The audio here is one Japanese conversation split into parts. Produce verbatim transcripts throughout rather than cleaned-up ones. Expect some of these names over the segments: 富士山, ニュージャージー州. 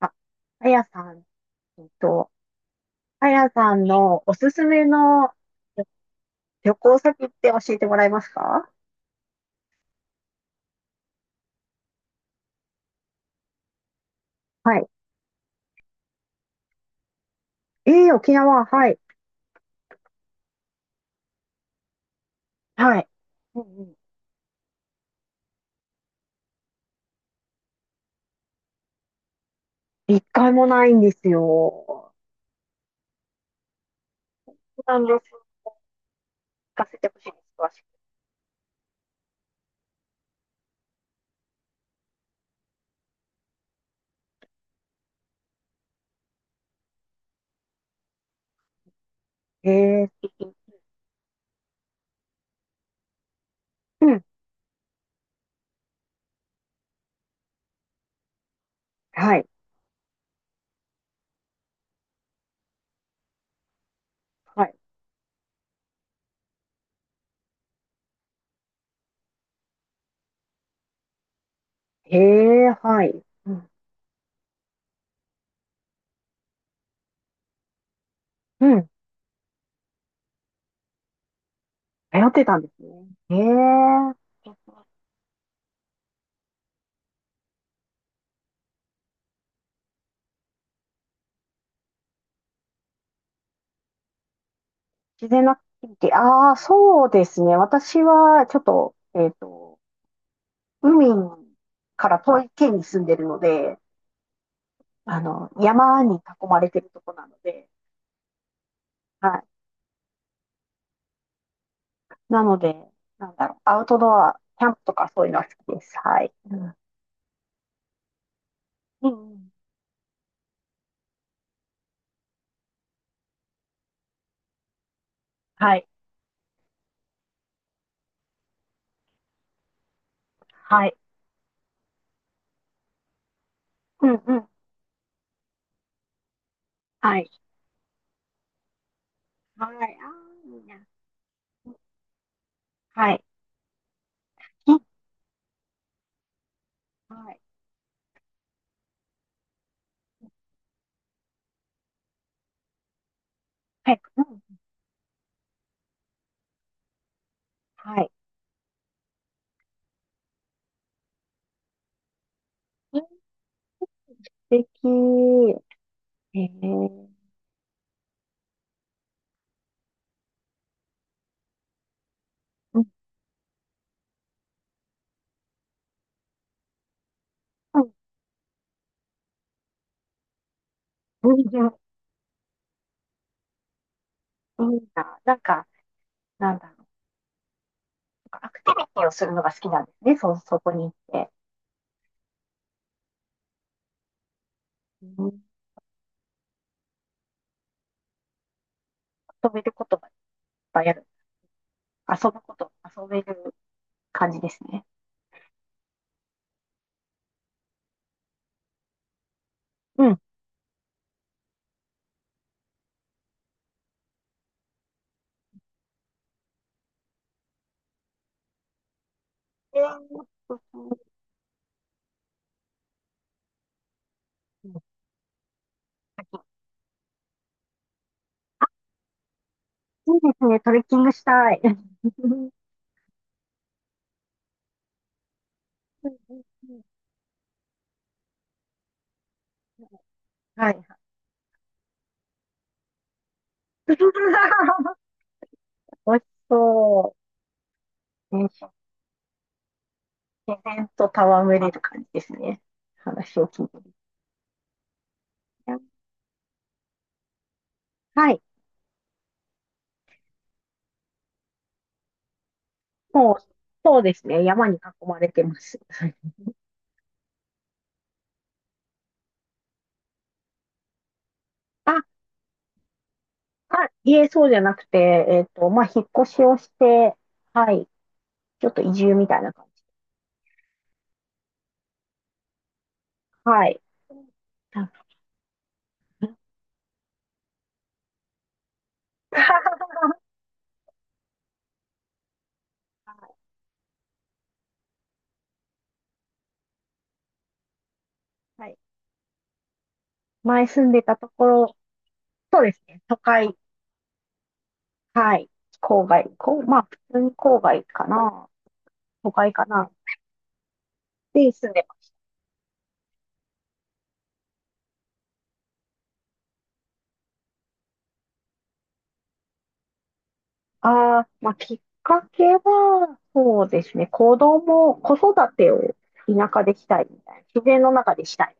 あ、あやさん、えっと、あやさんのおすすめの旅旅行先って教えてもらえますか？はい。ええ、沖縄、はい。はい。うんうん。一回もないんですよ。そうなんです。聞かせてほしいです、詳しく。ええ、素敵。うん。はい。はい。ええ、はい。うん。うん。迷ってたんですね。ええ、自然なアクティビティ。ああ、そうですね。私は、ちょっと、えっと、海から遠い県に住んでるので、あの、山に囲まれてるとこなので、はい。なので、なんだろう、アウトドア、キャンプとかそういうのは好きです。はい。うん。うんうん。はい。はい。うんうん。はい。はい。ああ、いいな。はい。金、はい。はい。うん。はい。金、素敵。ええー、うんうん。全然いいな。なんか、なんだろう。アクティビティをするのが好きなんですね。そ、そこに行って。うん、遊べることがいっぱいある。遊ぶこと、遊べる感じですね。うん。えー、トレッキング、いいですね。トレッキングしたい。うん。はい。美味しそう。ね、自然と戯れる感じですね。話を聞いてる。はい。もう、そうですね。山に囲まれてます。あ、あ、いえ、そうじゃなくて、えっと、まあ、引っ越しをして、はい。ちょっと移住みたいな感じ。はい。はい。前住んでたところ、そうですね。都会、はい。郊外、こう、まあ、普通に郊外かな。都会かな。で、住んでます。ああ、まあ、きっかけは、そうですね。子供、子育てを田舎でしたいみたいな。自然の中でしたい。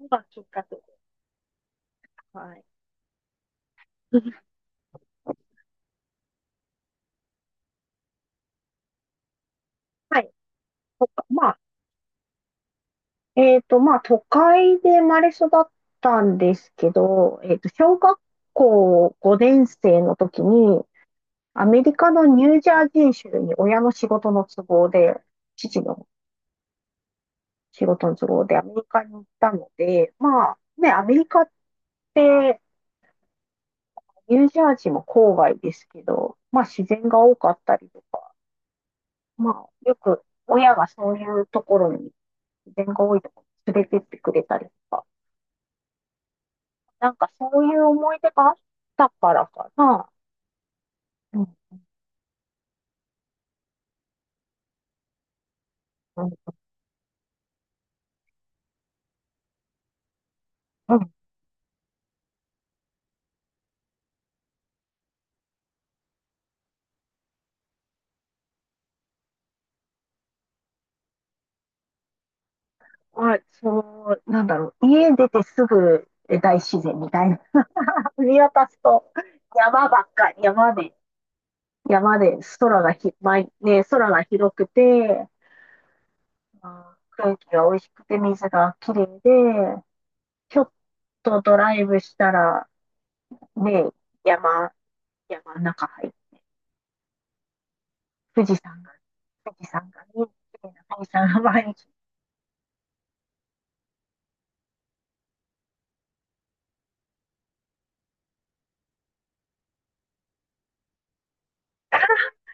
のがきっかけです。はい。はい。とか、まあ、えっと、まあ、都会で生まれ育ったんですけど、えっと、小学校ごねん生の時に、アメリカのニュージャージー州に親の仕事の都合で、父の仕事の都合でアメリカに行ったので、まあね、アメリカってニュージャージーも郊外ですけど、まあ自然が多かったりとか、まあよく親がそういうところに自然が多いところに連れてってくれたりとか、なんかそういう思い出があったからかな。うんうんうん。まあ、そう、なんだろう。家出てすぐ大自然みたいな、見渡すと山ばっかり、山で、山で空がひ、まいね、空が広くて、まあー空気が美味しくて水がきれいで、ちょっとドライブしたら、ね、山、山の中入って、富士山が、富士山がて、綺麗な富士山が毎日。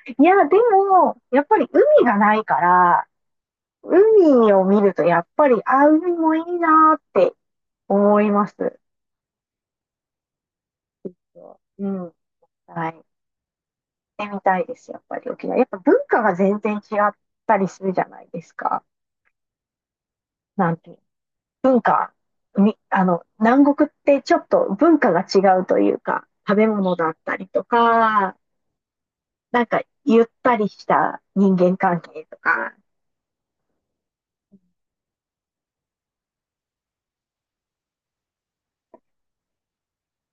いや、でも、やっぱり海がないから、海を見るとやっぱり、あ、海もいいなーって思います。うん。はい。ってみたいです、やっぱり沖縄。やっぱ文化が全然違ったりするじゃないですか。なんていう。文化、み、あの、南国ってちょっと文化が違うというか、食べ物だったりとか、なんかゆったりした人間関係とか、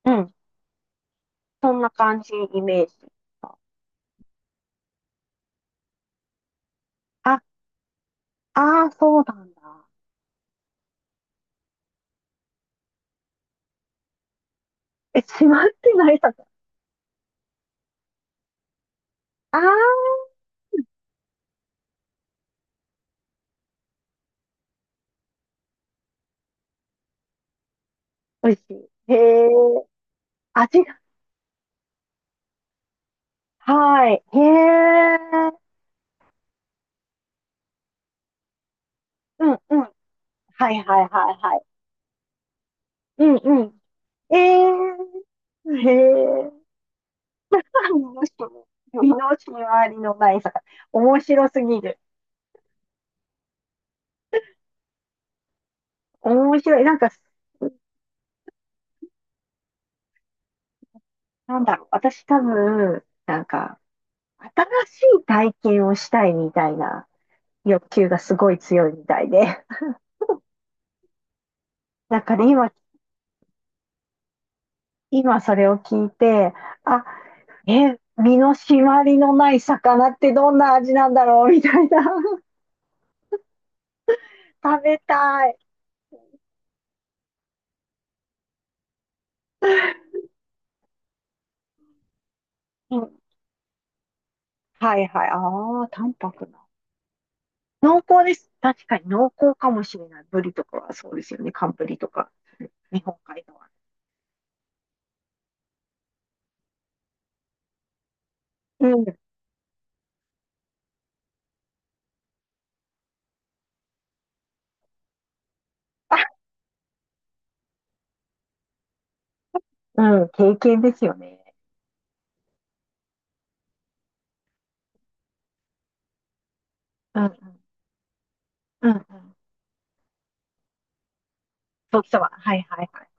うん、そんな感じ、イメージ。あ、ああ、そうなんだ。え、閉まってないさ。ああ、美味しい。へえ、味が、はい。へえ、うん、うん。はい、はい、はい、はい。うんうん。えー、へえ、何の人も身の回りのない魚。面白すぎる。面白い。なんか、なんだろう。私多分、なんか、新しい体験をしたいみたいな欲求がすごい強いみたいで。なんかね、今、今それを聞いて、あ、え、身の締まりのない魚ってどんな味なんだろうみたいな。食べたい。うん、はいはい。ああ、淡白な。濃厚です。確かに濃厚かもしれない。ブリとかはそうですよね。寒ブリとか、日本海側。うん。あ、うん、経験ですよね。うん、うん、うん、うん。そうそう、はいはいはい。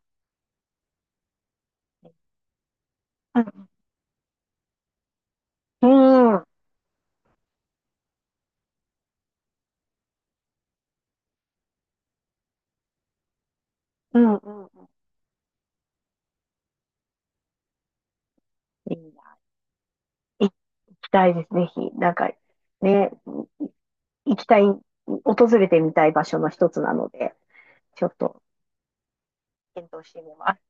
うん、うん、うん、うん。うん、いいな。行きたいです、ぜひ。なんか、ね、行きたい、訪れてみたい場所の一つなので、ちょっと検討してみます。